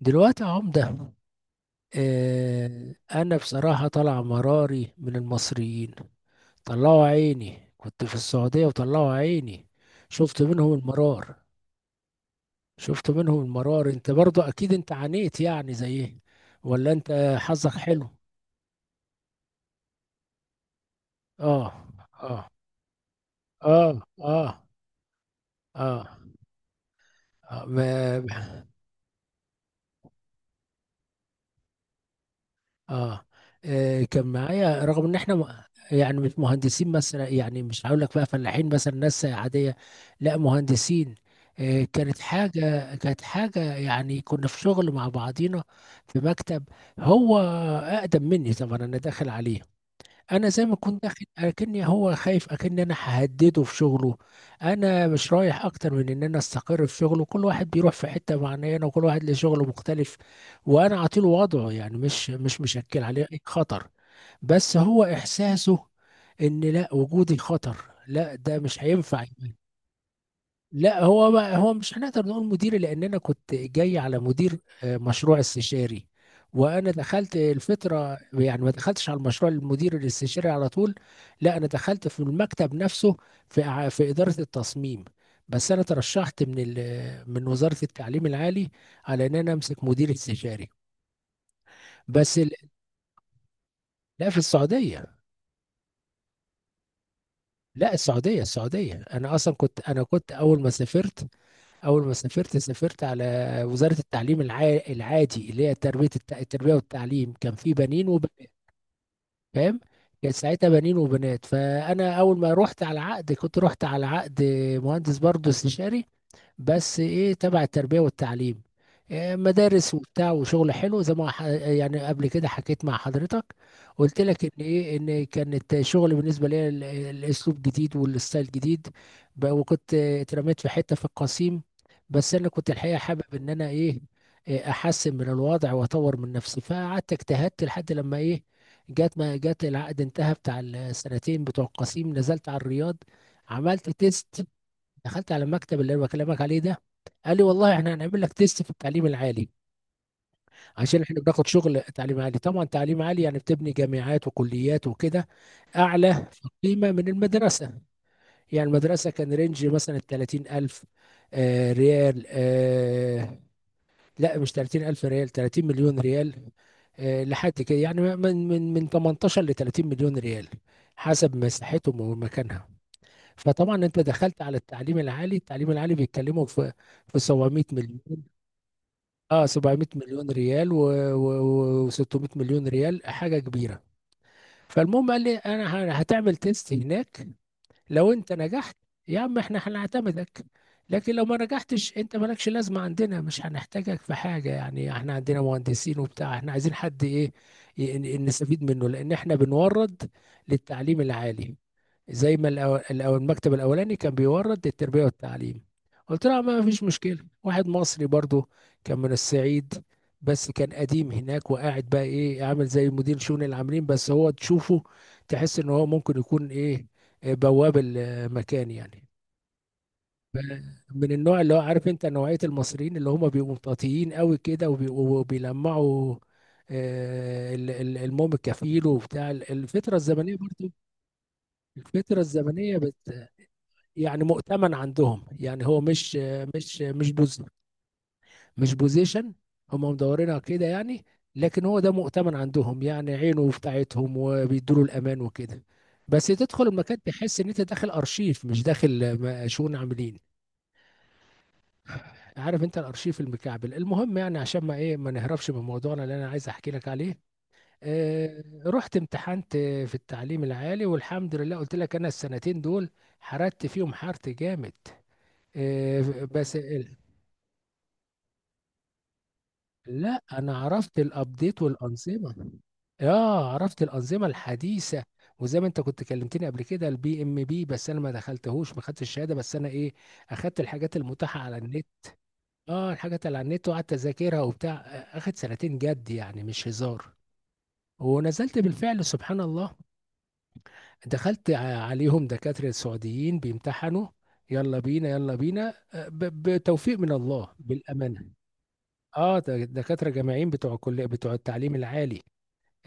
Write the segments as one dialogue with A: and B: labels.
A: دلوقتي يا عمدة، أنا بصراحة طالع مراري من المصريين. طلعوا عيني، كنت في السعودية وطلعوا عيني. شفت منهم المرار شفت منهم المرار. انت برضو أكيد انت عانيت، يعني زي إيه؟ ولا انت حظك حلو. اه اه اه اه اه, ما اه كان معايا. رغم ان احنا يعني مش مهندسين مثلا، يعني مش هقول لك بقى فلاحين مثلا، ناس عادية. لا مهندسين. كانت حاجة يعني كنا في شغل مع بعضينا في مكتب. هو أقدم مني طبعا، أنا داخل عليه. انا زي ما كنت داخل اكني هو خايف اكني انا ههدده في شغله. انا مش رايح اكتر من ان انا استقر في شغله، كل واحد بيروح في حته معينه، وكل واحد له شغله مختلف، وانا اعطيله وضعه. يعني مش مشكل عليه اي خطر. بس هو احساسه ان لا، وجودي خطر، لا ده مش هينفع. لا هو ما هو مش هنقدر نقول مديري، لان انا كنت جاي على مدير مشروع استشاري. وانا دخلت الفتره، يعني ما دخلتش على المشروع المدير الاستشاري على طول. لا انا دخلت في المكتب نفسه، في في اداره التصميم. بس انا ترشحت من وزاره التعليم العالي على ان انا امسك مدير استشاري. بس ال- لا في السعوديه. لا السعوديه، انا اصلا كنت، انا كنت اول ما سافرت، سافرت على وزاره التعليم العادي، اللي هي تربيه التربيه والتعليم. كان في بنين وبنات، فاهم؟ كان ساعتها بنين وبنات. فانا اول ما رحت على عقد، كنت رحت على عقد مهندس برضه استشاري، بس ايه، تبع التربية والتعليم. إيه، مدارس وبتاع، وشغل حلو. زي ما يعني قبل كده حكيت مع حضرتك، قلت لك ان ايه، ان كانت شغل بالنسبة لي الاسلوب جديد، والستايل جديد. وكنت اترميت في حتة في القصيم. بس انا كنت الحقيقة حابب ان انا ايه، إيه، احسن من الوضع واطور من نفسي. فقعدت اجتهدت لحد لما ايه، جت ما جت، العقد انتهى بتاع السنتين بتوع القصيم، نزلت على الرياض، عملت تيست، دخلت على المكتب اللي انا بكلمك عليه ده. قال لي والله احنا هنعمل لك تيست في التعليم العالي، عشان احنا بناخد شغل تعليم عالي. طبعا تعليم عالي يعني بتبني جامعات وكليات وكده، اعلى في القيمه من المدرسه. يعني المدرسه كان رينج مثلا 30,000، آه ريال، آه، لا مش 30,000 ريال، 30 مليون ريال. لحد كده يعني، من 18 ل 30 مليون ريال، حسب مساحتهم ومكانها. فطبعا انت دخلت على التعليم العالي، التعليم العالي بيتكلموا في 700 مليون. اه 700 مليون ريال و600 مليون ريال، حاجه كبيره. فالمهم قال لي انا هتعمل تيست هناك. لو انت نجحت، يا عم احنا هنعتمدك. لكن لو ما نجحتش، انت مالكش لازمه عندنا، مش هنحتاجك في حاجه. يعني احنا عندنا مهندسين وبتاع، احنا عايزين حد ايه، نستفيد منه، لان احنا بنورد للتعليم العالي. زي ما الأول، المكتب الأولاني كان بيورد التربية والتعليم. قلت لها ما فيش مشكلة. واحد مصري برضو، كان من الصعيد، بس كان قديم هناك، وقاعد بقى ايه، عامل زي مدير شؤون العاملين. بس هو تشوفه تحس ان هو ممكن يكون ايه، إيه، بواب المكان يعني. ف- من النوع اللي هو، عارف انت نوعية المصريين اللي هم بيبقوا مطاطيين قوي كده، وبيلمعوا. الموم الكفيل، وبتاع الفترة الزمنية برضو. الفترة الزمنية، يعني مؤتمن عندهم، يعني هو مش، مش بوز، مش بوزيشن، هم مدورينها كده يعني. لكن هو ده مؤتمن عندهم، يعني عينه بتاعتهم، وبيدوا له الامان وكده. بس تدخل المكان تحس ان انت داخل ارشيف، مش داخل شؤون عاملين. عارف انت الارشيف المكعبل. المهم، يعني عشان ما ايه، ما نهربش من موضوعنا اللي انا عايز احكي لك عليه. آه رحت امتحنت في التعليم العالي والحمد لله. قلت لك انا السنتين دول حرقت فيهم، حرت جامد. آه، بس لا انا عرفت الابديت والانظمه. اه عرفت الانظمه الحديثه. وزي ما انت كنت كلمتني قبل كده، البي ام بي، بس انا ما دخلتهوش، ما خدتش الشهاده، بس انا ايه، اخدت الحاجات المتاحه على النت. اه الحاجات اللي على النت، وقعدت اذاكرها وبتاع. اخد سنتين جد يعني، مش هزار. ونزلت بالفعل، سبحان الله. دخلت عليهم دكاتره سعوديين بيمتحنوا. يلا بينا يلا بينا، بتوفيق من الله بالامانه. اه دكاتره جامعيين، بتوع كل بتوع التعليم العالي،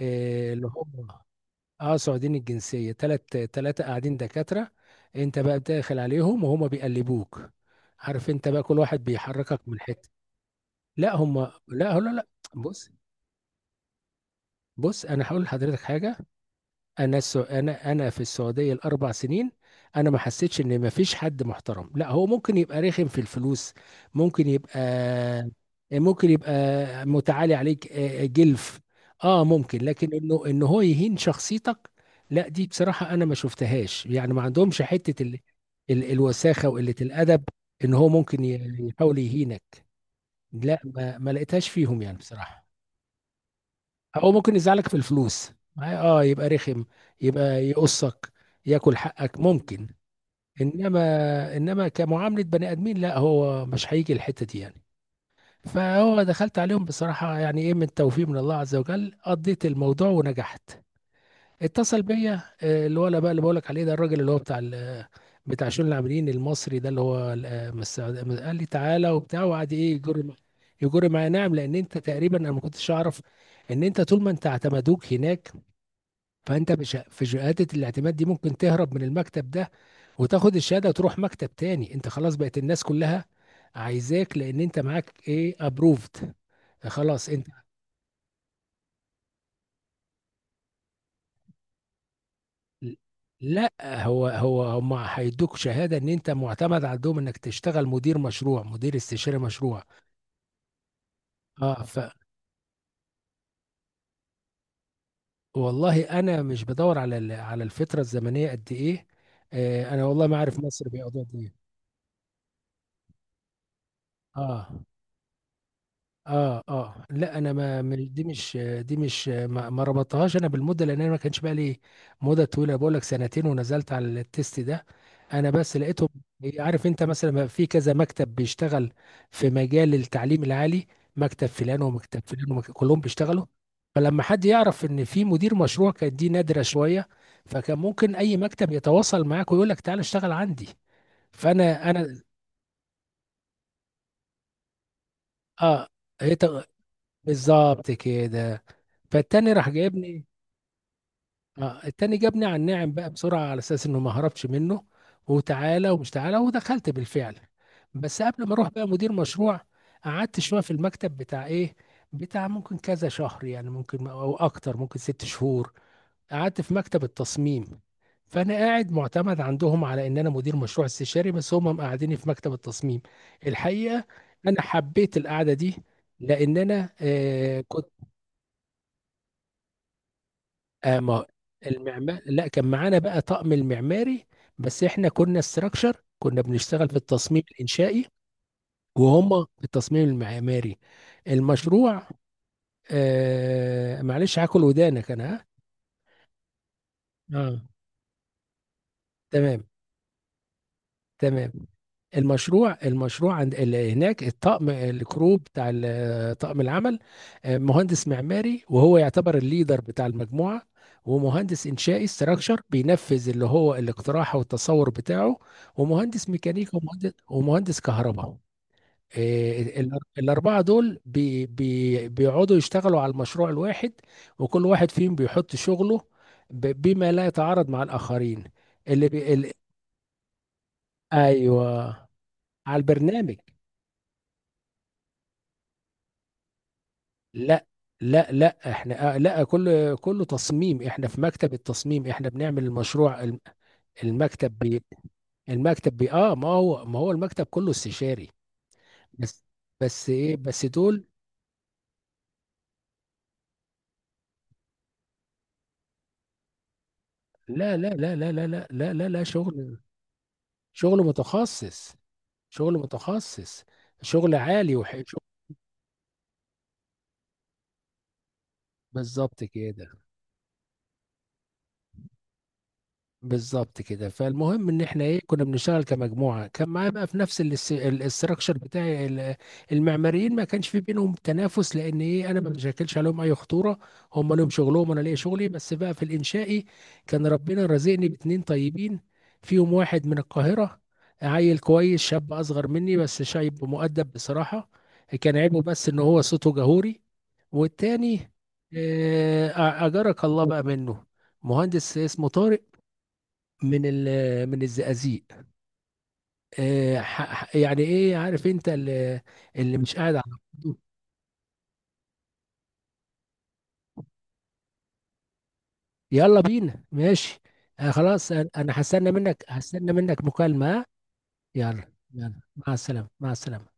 A: إيه اللي هم، اه سعوديين الجنسيه. تلات تلاته قاعدين دكاتره. انت بقى داخل عليهم وهم بيقلبوك، عارف انت بقى كل واحد بيحركك من حته. لا هم، لا لا لا. بص بص، انا هقول لحضرتك حاجه. انا في السعوديه الاربع سنين، انا ما حسيتش ان ما فيش حد محترم. لا، هو ممكن يبقى رخم في الفلوس، ممكن يبقى ممكن يبقى متعالي عليك، جلف، اه ممكن. لكن انه ان هو يهين شخصيتك، لا دي بصراحه انا ما شفتهاش. يعني ما عندهمش حته الوساخه وقله الادب، ان هو ممكن يحاول يهينك. لا ما لقيتهاش فيهم يعني بصراحه. هو ممكن يزعلك في الفلوس، اه، يبقى رخم، يبقى يقصك، ياكل حقك ممكن. انما، انما كمعامله بني ادمين، لا هو مش هيجي الحته دي يعني. فهو دخلت عليهم بصراحه، يعني ايه، من توفيق من الله عز وجل قضيت الموضوع ونجحت. اتصل بيا، الولا بقى اللي بقولك عليه ده، الراجل اللي هو بتاع بتاع شؤون العاملين المصري ده، اللي هو قال لي تعالى وبتاع، وقعد ايه، يجر معايا. نعم، لان انت تقريبا، انا ما كنتش اعرف ان انت طول ما انت اعتمدوك هناك، فانت في شهاده الاعتماد دي ممكن تهرب من المكتب ده، وتاخد الشهاده وتروح مكتب تاني. انت خلاص بقت الناس كلها عايزاك، لان انت معاك ايه، ابروفد. خلاص انت. لا، هو هو هم هيدوك شهاده ان انت معتمد عندهم، انك تشتغل مدير مشروع، مدير استشاري مشروع. اه ف والله انا مش بدور على الفتره الزمنيه قد ايه. آه انا والله ما عارف مصر بيقعدوا قد ايه. اه اه لا انا دي مش، دي مش، ما ربطتهاش انا بالمده، لان انا ما كانش بقى لي مده طويله. بقول لك سنتين ونزلت على التيست ده. انا بس لقيتهم، عارف انت مثلا، ما في كذا مكتب بيشتغل في مجال التعليم العالي، مكتب فلان ومكتب فلان ومكتب، كلهم بيشتغلوا. فلما حد يعرف ان في مدير مشروع، كانت دي نادره شويه. فكان ممكن اي مكتب يتواصل معاك ويقول لك تعالى اشتغل عندي. فانا انا اه هي- بالظبط كده. فالتاني راح جايبني. التاني جابني على الناعم بقى بسرعة، على أساس إنه ما هربش منه. وتعالى ومش تعالى، ودخلت بالفعل. بس قبل ما أروح بقى مدير مشروع، قعدت شوية في المكتب بتاع إيه، بتاع ممكن كذا شهر يعني، ممكن أو أكتر، ممكن ست شهور. قعدت في مكتب التصميم، فأنا قاعد معتمد عندهم على إن أنا مدير مشروع استشاري، بس هم مقعديني في مكتب التصميم. الحقيقة أنا حبيت القعدة دي، لأن أنا آه ما المعمار. لا، كان معانا بقى طقم المعماري، بس احنا كنا استراكشر، كنا بنشتغل في التصميم الانشائي، وهم في التصميم المعماري. المشروع، آه معلش هاكل ودانك انا. ها، اه، تمام تمام. المشروع عند اللي هناك، الطقم الكرو بتاع طقم العمل، مهندس معماري، وهو يعتبر الليدر بتاع المجموعة، ومهندس إنشائي استراكشر بينفذ اللي هو الاقتراح والتصور بتاعه، ومهندس ميكانيكا، ومهندس كهرباء. الأربعة دول بي بيقعدوا يشتغلوا على المشروع الواحد. وكل واحد فيهم بيحط شغله بما لا يتعارض مع الآخرين، اللي ايوه على البرنامج. لا لا لا احنا، لا كله كله تصميم، احنا في مكتب التصميم، احنا بنعمل المشروع المكتب بي المكتب بي، اه ما هو المكتب كله استشاري. بس بس ايه، بس دول، لا شغل، شغل متخصص شغل متخصص، شغل عالي وحلو. بالظبط كده، بالظبط كده. فالمهم ان احنا ايه، كنا بنشتغل كمجموعه. كان معايا بقى في نفس الاستراكشر بتاعي المعماريين ما كانش في بينهم تنافس، لان ايه، انا ما بشكلش عليهم اي خطوره. هم لهم شغلهم وانا ليا شغلي. بس بقى في الانشائي، كان ربنا رزقني باتنين طيبين. فيهم واحد من القاهره، عيل كويس، شاب اصغر مني بس شايب، مؤدب بصراحه. كان عيبه بس ان هو صوته جهوري. والتاني، آه، اجرك الله بقى منه، مهندس اسمه طارق من ال من الزقازيق. يعني ايه، عارف انت اللي مش قاعد على بعضه. يلا بينا ماشي، آه خلاص أنا هستنى منك، هستنى منك مكالمة، آه؟ يلا يلا، مع السلامة، مع السلامة.